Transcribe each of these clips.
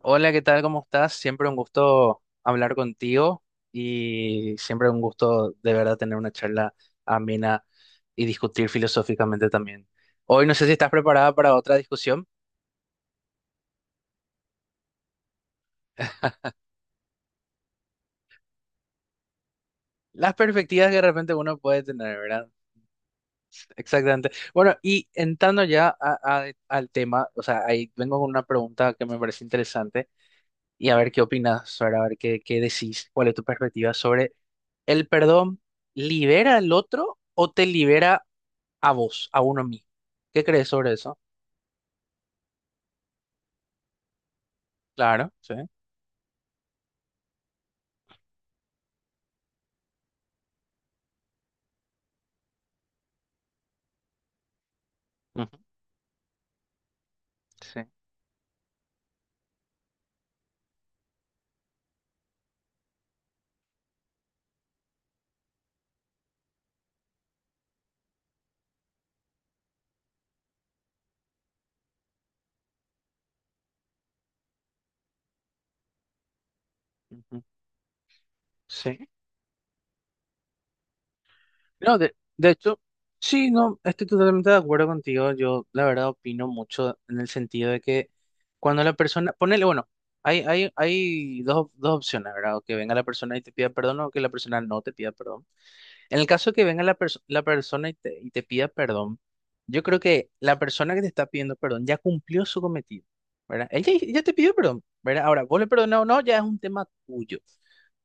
Hola, ¿qué tal? ¿Cómo estás? Siempre un gusto hablar contigo y siempre un gusto de verdad tener una charla amena y discutir filosóficamente también. Hoy no sé si estás preparada para otra discusión. Las perspectivas que de repente uno puede tener, ¿verdad? Exactamente. Bueno, y entrando ya al tema, o sea, ahí vengo con una pregunta que me parece interesante y a ver qué opinas, ¿verdad? A ver qué decís, cuál es tu perspectiva sobre el perdón, ¿libera al otro o te libera? A vos, a uno mismo. ¿Qué crees sobre eso? Claro, sí. Ujú. Sí. Ujú. Sí. No, de hecho, sí, no, estoy totalmente de acuerdo contigo. Yo, la verdad, opino mucho en el sentido de que cuando la persona, ponele, bueno, hay dos opciones, ¿verdad? O que venga la persona y te pida perdón o que la persona no te pida perdón. En el caso que venga la persona y te pida perdón, yo creo que la persona que te está pidiendo perdón ya cumplió su cometido, ¿verdad? Él ya te pidió perdón, ¿verdad? Ahora, vos le perdonás o no, ya es un tema tuyo,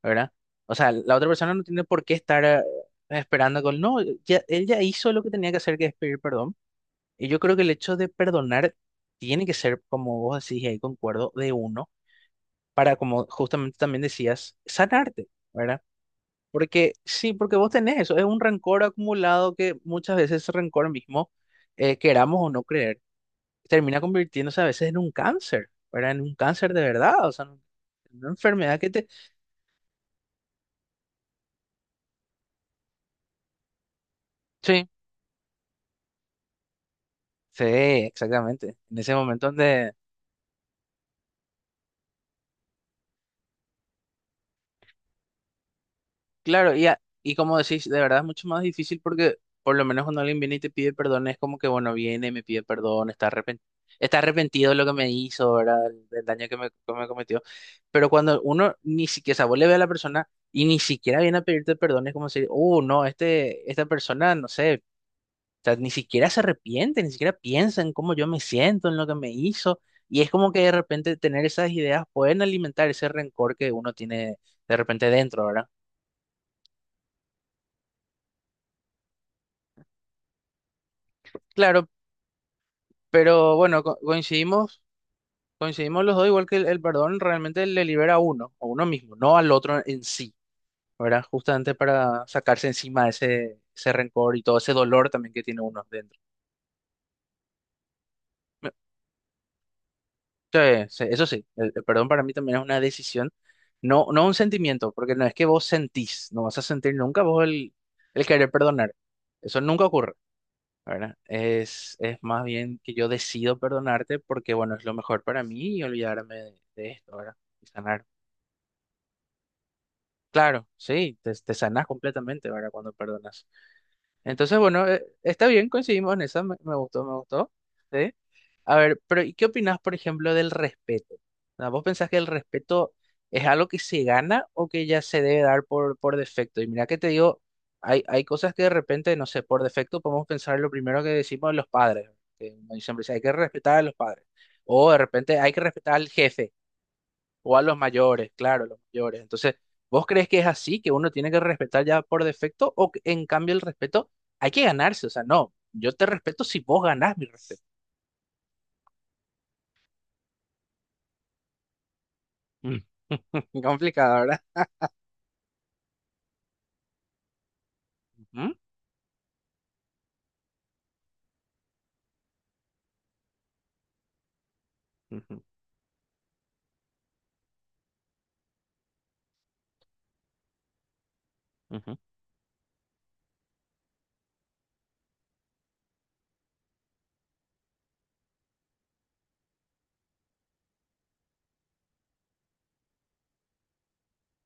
¿verdad? O sea, la otra persona no tiene por qué estar esperando no, ya, él ya hizo lo que tenía que hacer, que es pedir perdón. Y yo creo que el hecho de perdonar tiene que ser, como vos decís, y ahí concuerdo, de uno, para, como justamente también decías, sanarte, ¿verdad? Porque sí, porque vos tenés eso, es un rencor acumulado que muchas veces ese rencor mismo, queramos o no creer, termina convirtiéndose a veces en un cáncer, ¿verdad? En un cáncer de verdad, o sea, en una enfermedad que te. Sí. Sí, exactamente. En ese momento donde Claro, y como decís, de verdad es mucho más difícil porque por lo menos cuando alguien viene y te pide perdón, es como que, bueno, viene, me pide perdón, está arrepentido de lo que me hizo, ¿verdad? Del daño que me cometió. Pero cuando uno ni siquiera, o sea, vos le ve a la persona y ni siquiera viene a pedirte perdón, es como decir, oh, no, esta persona, no sé, o sea, ni siquiera se arrepiente, ni siquiera piensa en cómo yo me siento, en lo que me hizo. Y es como que de repente tener esas ideas pueden alimentar ese rencor que uno tiene de repente dentro, ¿verdad? Claro. Pero bueno, coincidimos los dos, igual que el perdón realmente le libera a uno mismo, no al otro en sí, ¿verdad? Justamente para sacarse encima ese rencor y todo ese dolor también que tiene uno dentro. Me- sí, sí, eso sí, el perdón para mí también es una decisión, no, no un sentimiento, porque no es que vos sentís, no vas a sentir nunca vos el querer perdonar. Eso nunca ocurre, ¿verdad? Es más bien que yo decido perdonarte porque, bueno, es lo mejor para mí y olvidarme de esto, ¿verdad? Y sanar. Claro, sí, te sanas completamente, ¿verdad? Cuando perdonas. Entonces, bueno, está bien, coincidimos en esa, me gustó, me gustó. ¿Sí? A ver, pero ¿y qué opinás, por ejemplo, del respeto? Ah, ¿vos pensás que el respeto es algo que se gana o que ya se debe dar por defecto? Y mira que te digo, hay cosas que de repente, no sé, por defecto podemos pensar lo primero que decimos de los padres, que uno siempre dice, hay que respetar a los padres. O de repente hay que respetar al jefe o a los mayores, claro, los mayores. Entonces, ¿vos crees que es así, que uno tiene que respetar ya por defecto o que, en cambio el respeto hay que ganarse? O sea, no, yo te respeto si vos ganás mi respeto. Mm. Complicado, ¿verdad? Ujú. Ujú. Ujú.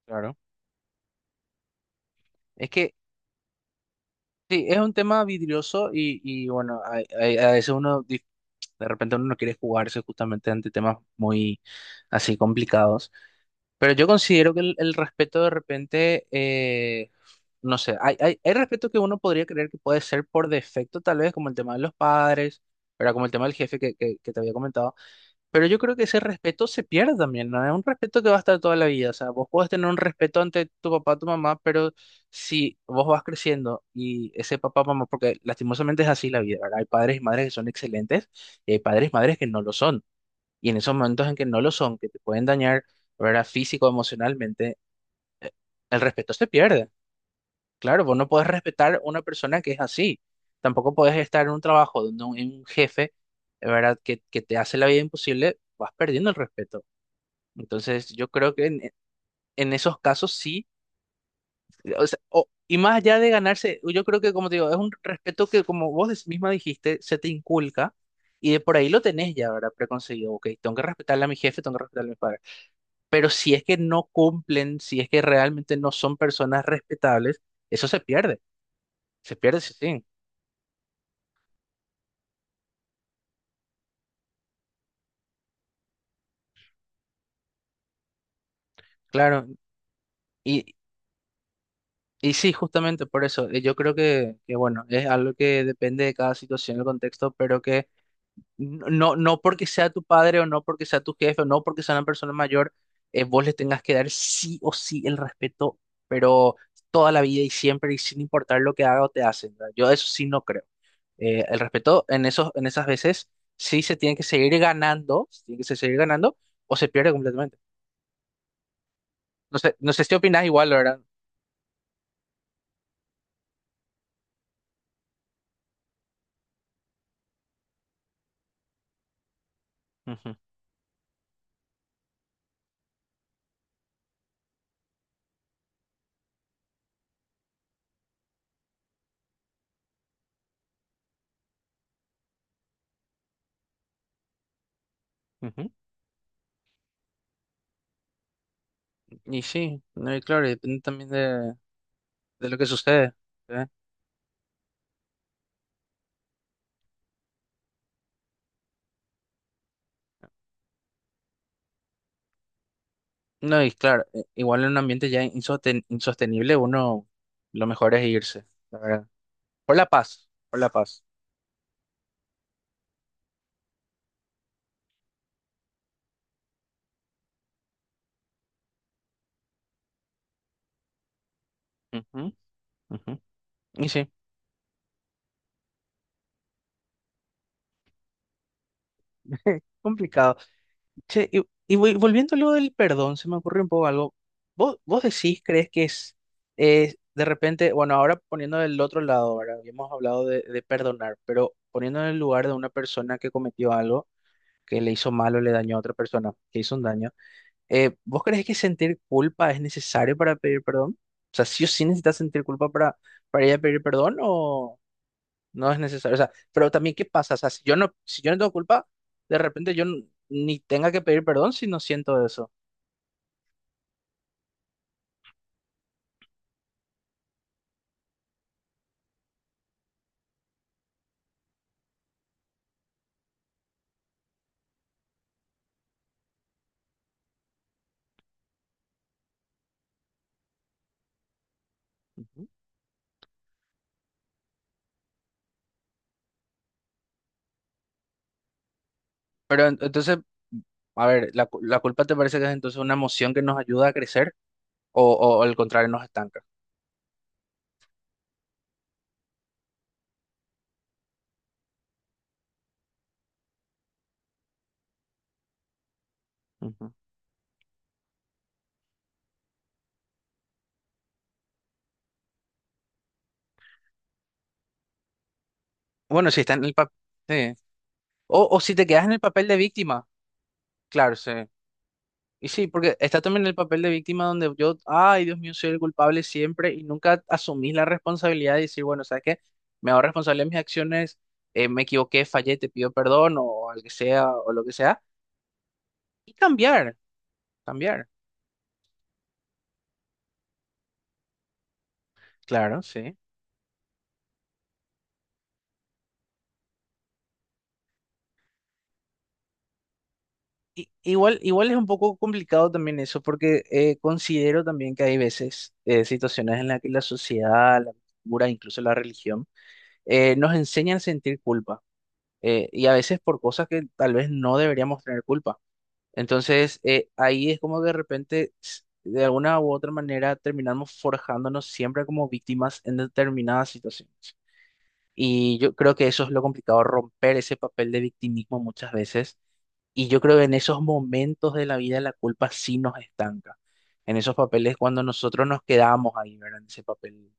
Claro. Es que sí, es un tema vidrioso y bueno, a veces uno, de repente uno no quiere jugarse justamente ante temas muy así complicados. Pero yo considero que el respeto de repente, no sé, hay respeto que uno podría creer que puede ser por defecto, tal vez, como el tema de los padres, ¿verdad? Como el tema del jefe que te había comentado. Pero yo creo que ese respeto se pierde también, ¿no? Es un respeto que va a estar toda la vida. O sea, vos podés tener un respeto ante tu papá, tu mamá, pero si vos vas creciendo y ese papá, mamá, porque lastimosamente es así la vida, ¿verdad? Hay padres y madres que son excelentes y hay padres y madres que no lo son. Y en esos momentos en que no lo son, que te pueden dañar, ¿verdad? Físico, emocionalmente, el respeto se pierde. Claro, vos no podés respetar una persona que es así. Tampoco podés estar en un trabajo donde un jefe, ¿verdad? Que te hace la vida imposible, vas perdiendo el respeto. Entonces, yo creo que en esos casos sí. O sea, y más allá de ganarse, yo creo que, como te digo, es un respeto que, como vos misma dijiste, se te inculca. Y de por ahí lo tenés ya, ¿verdad? Preconcebido. Ok, tengo que respetarle a mi jefe, tengo que respetarle a mis padres. Pero si es que no cumplen, si es que realmente no son personas respetables, eso se pierde, sí, sí, claro. Y, y sí, justamente por eso, yo creo que, bueno, es algo que depende de cada situación, el contexto, pero que no porque sea tu padre o no porque sea tu jefe o no porque sea una persona mayor, vos le tengas que dar sí o sí el respeto, pero toda la vida y siempre y sin importar lo que haga o te hacen, ¿verdad? Yo eso sí no creo. El respeto en esos, en esas veces sí se tiene que seguir ganando, se tiene que seguir ganando o se pierde completamente. No sé, no sé si opinas igual, ¿verdad? Ujú. Ujú. Y sí, no, y claro, y depende también de lo que sucede. ¿Eh? No, y claro, igual en un ambiente ya insostenible, uno lo mejor es irse, la verdad. Por la paz, por la paz. Ujú. Ujú. Y sí, complicado. Che, y volviendo a lo del perdón, se me ocurrió un poco algo. ¿Vos decís, crees que es de repente, bueno, ahora poniendo del otro lado, ahora habíamos hablado de perdonar, pero poniendo en el lugar de una persona que cometió algo, que le hizo mal o le dañó a otra persona, que hizo un daño, ¿vos crees que sentir culpa es necesario para pedir perdón? O sea, ¿sí o sí necesitas sentir culpa para ir a pedir perdón no es necesario. O sea, pero también, ¿qué pasa? O sea, si yo no tengo culpa, de repente yo ni tenga que pedir perdón si no siento eso. Ujú. Pero entonces, a ver, ¿la culpa te parece que es entonces una emoción que nos ayuda a crecer o al contrario nos estanca? Ujú. Bueno, si está en el papel. O si te quedas en el papel de víctima. Claro, sí. Y sí, porque está también el papel de víctima donde yo, ay, Dios mío, soy el culpable siempre y nunca asumís la responsabilidad de decir, bueno, ¿sabes qué? Me hago responsable de mis acciones, me equivoqué, fallé, te pido perdón o al que sea o lo que sea. Y cambiar, cambiar, claro, sí. Y, igual es un poco complicado también eso porque considero también que hay veces situaciones en las que la sociedad, la cultura, incluso la religión, nos enseñan a sentir culpa y a veces por cosas que tal vez no deberíamos tener culpa. Entonces, ahí es como que de repente, de alguna u otra manera, terminamos forjándonos siempre como víctimas en determinadas situaciones. Y yo creo que eso es lo complicado, romper ese papel de victimismo muchas veces. Y yo creo que en esos momentos de la vida la culpa sí nos estanca. En esos papeles cuando nosotros nos quedamos ahí, ¿verdad? En ese papel.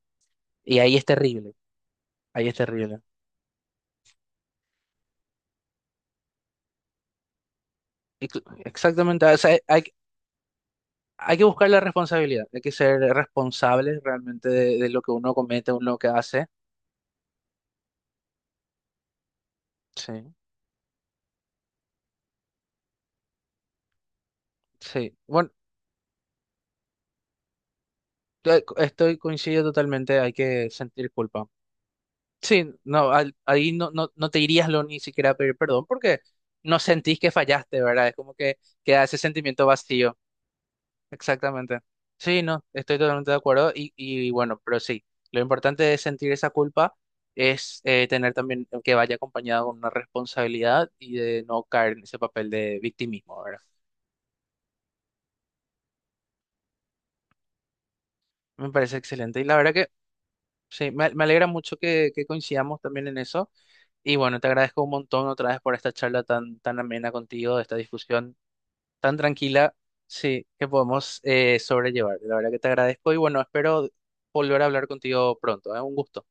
Y ahí es terrible, ahí es terrible. Exactamente, o sea, hay que buscar la responsabilidad, hay que ser responsable realmente de lo que uno comete, uno lo que hace. Sí, sí. Bueno, estoy coincido totalmente, hay que sentir culpa. Sí, no, ahí no, no, no te irías lo ni siquiera a pedir perdón porque no sentís que fallaste, ¿verdad? Es como que queda ese sentimiento vacío. Exactamente. Sí, no, estoy totalmente de acuerdo y bueno, pero sí, lo importante es sentir esa culpa, es tener también que vaya acompañado con una responsabilidad y de no caer en ese papel de victimismo, ¿verdad? Me parece excelente y la verdad que sí, me alegra mucho que coincidamos también en eso y bueno, te agradezco un montón otra vez por esta charla tan, tan amena contigo, esta discusión tan tranquila, sí, que podemos sobrellevar. La verdad que te agradezco y bueno, espero volver a hablar contigo pronto, ¿eh? Un gusto.